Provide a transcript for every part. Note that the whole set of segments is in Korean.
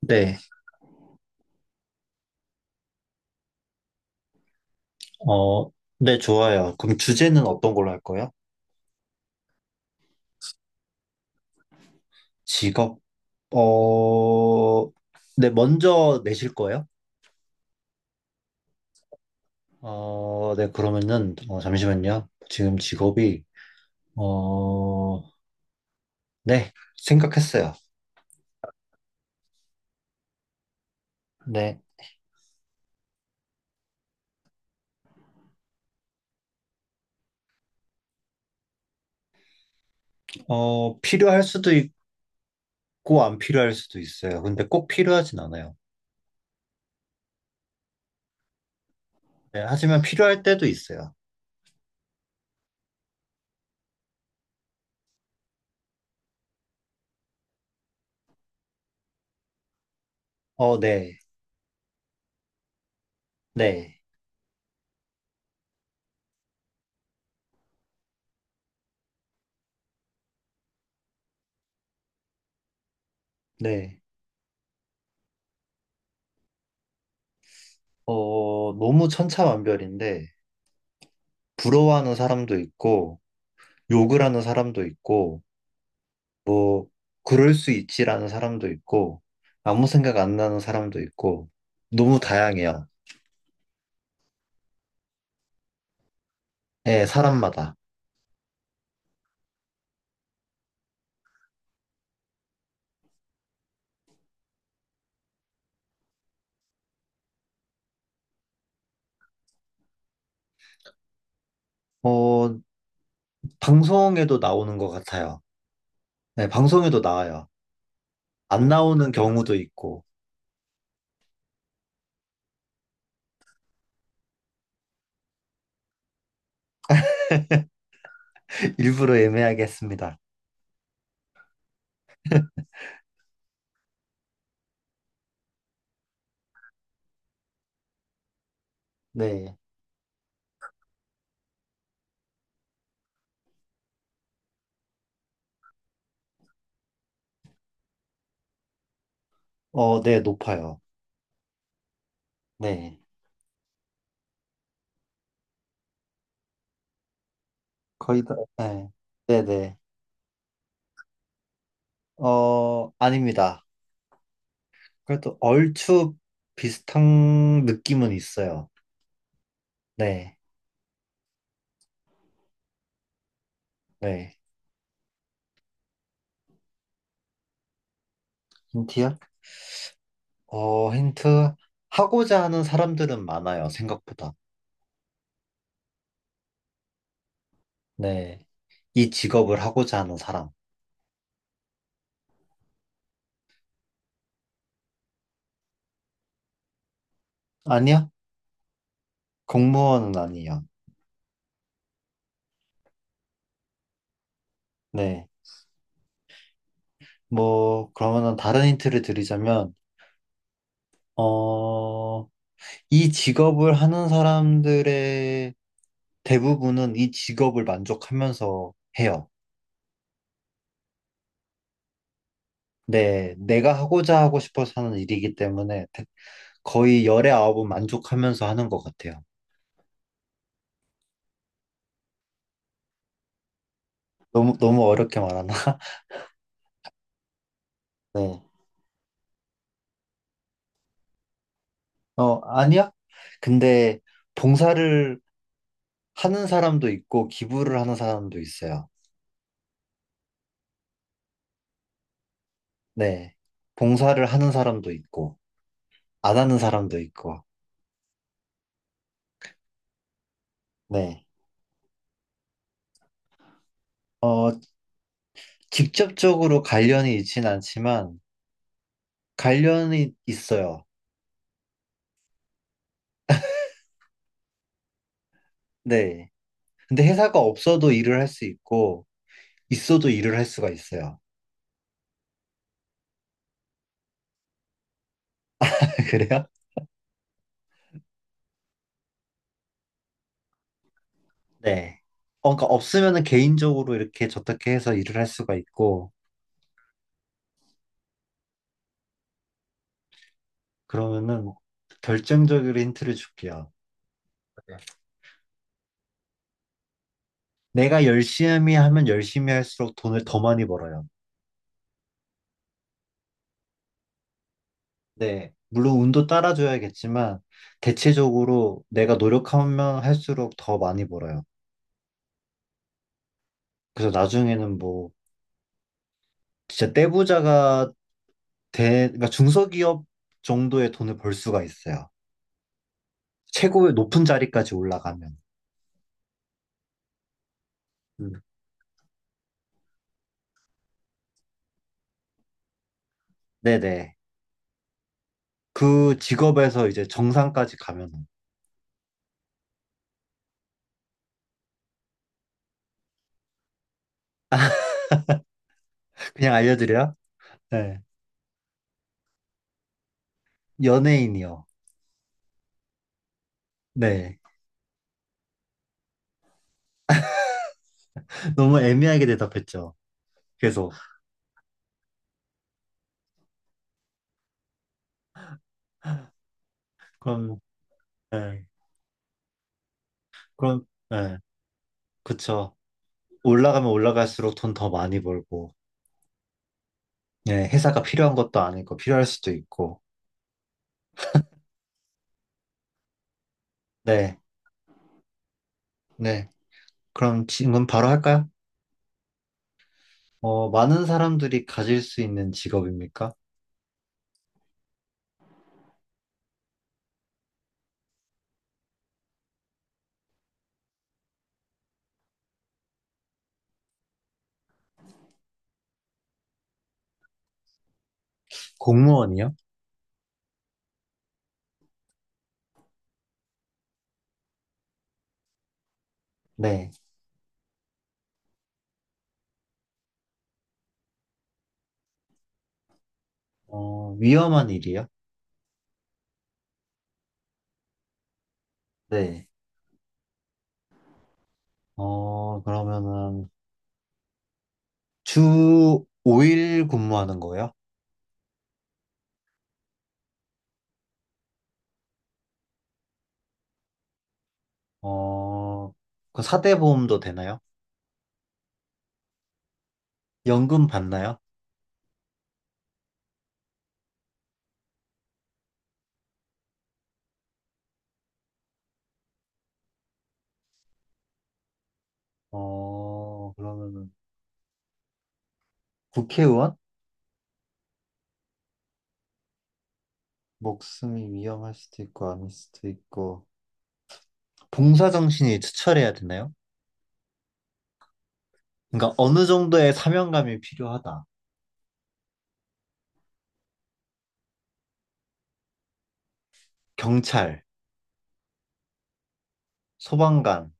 네, 어, 네, 좋아요. 그럼 주제는 어떤 걸로 할 거예요? 직업, 어, 네, 먼저 내실 거예요? 네, 그러면은, 잠시만요. 지금 직업이, 어, 네, 생각했어요. 네, 필요할 수도 있고, 안 필요할 수도 있어요. 근데 꼭 필요하진 않아요. 네, 하지만 필요할 때도 있어요. 네, 네, 네. 너무 천차만별인데, 부러워하는 사람도 있고, 욕을 하는 사람도 있고, 뭐, 그럴 수 있지라는 사람도 있고, 아무 생각 안 나는 사람도 있고, 너무 다양해요. 예, 사람마다. 어, 방송에도 나오는 것 같아요. 네, 방송에도 나와요. 안 나오는 경우도 있고, 일부러 애매하게 했습니다. 네. 네, 높아요. 네. 거의 다, 네. 네네. 아닙니다. 그래도 얼추 비슷한 느낌은 있어요. 네, 네. 힌트요? 힌트. 하고자 하는 사람들은 많아요, 생각보다. 네. 이 직업을 하고자 하는 사람. 아니요? 공무원은 아니에요. 네. 뭐, 그러면은 다른 힌트를 드리자면, 어, 이 직업을 하는 사람들의 대부분은 이 직업을 만족하면서 해요. 네. 내가 하고자 하고 싶어서 하는 일이기 때문에 거의 열의 아홉은 만족하면서 하는 것 같아요. 너무, 너무 어렵게 말하나? 네. 아니야? 근데 봉사를 하는 사람도 있고, 기부를 하는 사람도 있어요. 네. 봉사를 하는 사람도 있고, 안 하는 사람도 있고, 네. 어, 직접적으로 관련이 있진 않지만, 관련이 있어요. 네. 근데 회사가 없어도 일을 할 수 있고, 있어도 일을 할 수가 있어요. 그래요? 네. 그러니까 없으면은 개인적으로 이렇게 저렇게 해서 일을 할 수가 있고, 그러면은 결정적으로 힌트를 줄게요. 내가 열심히 하면 열심히 할수록 돈을 더 많이 벌어요. 네, 물론 운도 따라줘야겠지만 대체적으로 내가 노력하면 할수록 더 많이 벌어요. 그래서 나중에는 뭐 진짜 떼부자가 돼, 그러니까 중소기업 정도의 돈을 벌 수가 있어요. 최고의 높은 자리까지 올라가면. 음. 네네. 그 직업에서 이제 정상까지 가면 그냥 알려드려요? 네. 연예인이요. 네. 너무 애매하게 대답했죠. 계속. 그럼, 네. 그럼, 예, 그쵸. 올라가면 올라갈수록 돈 더 많이 벌고, 예, 회사가 필요한 것도 아니고, 필요할 수도 있고. 네, 네. 그럼 질문 바로 할까요? 많은 사람들이 가질 수 있는 직업입니까? 공무원이요? 네. 위험한 일이요? 네. 그러면은, 주 5일 근무하는 거예요? 어, 그 사대보험도 되나요? 연금 받나요? 그러면은, 국회의원? 목숨이 위험할 수도 있고 아닐 수도 있고 봉사 정신이 투철해야 되나요? 그러니까 어느 정도의 사명감이 필요하다. 경찰, 소방관.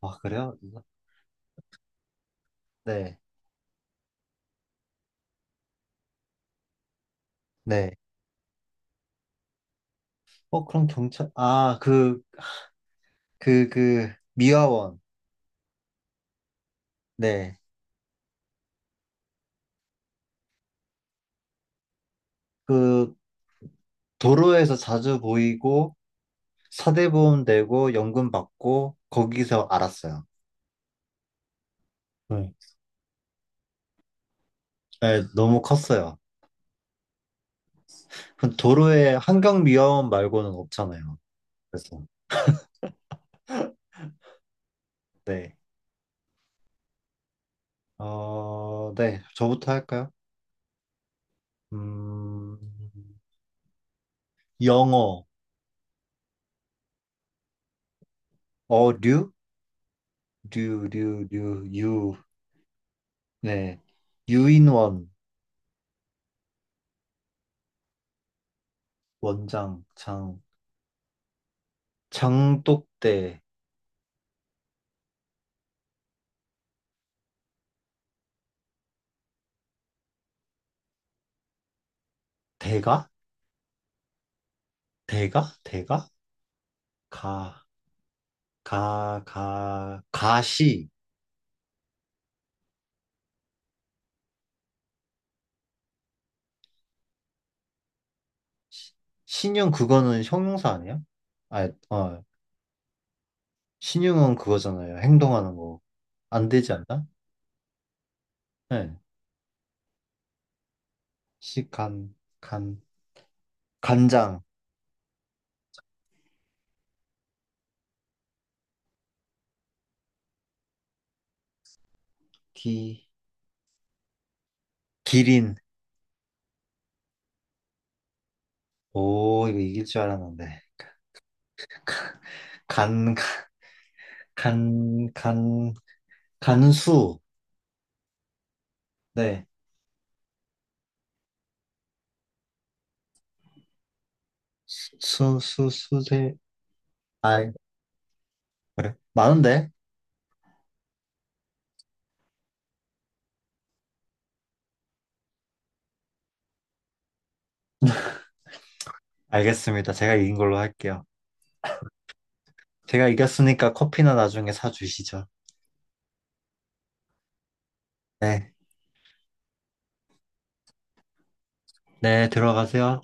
아, 그래요? 네. 네. 그럼 경찰. 아, 그 미화원. 네. 그 도로에서 자주 보이고 사대보험 되고 연금 받고 거기서 알았어요. 네. 네, 너무 컸어요. 그럼 도로에 환경미화원 말고는 없잖아요. 그래서. 네. 네, 저부터 할까요? 음, 영어, 어류, 류, 류, 류, 유, 네, 유인원, 원장, 장, 장독대, 대가, 대가, 대가, 가, 가, 가, 가시, 시- 신용 그거는 형용사 아니에요? 아, 신용은 그거잖아요. 행동하는 거. 안 되지 않나? 네, 시, 간, 간, 간장, 기, 기린, 오, 이거 이길 줄 알았는데. 간, 간, 간, 간수. 네. 수, 수, 수세. 아, 그래? 많은데? 알겠습니다. 제가 이긴 걸로 할게요. 제가 이겼으니까 커피나 나중에 사주시죠. 네. 네, 들어가세요.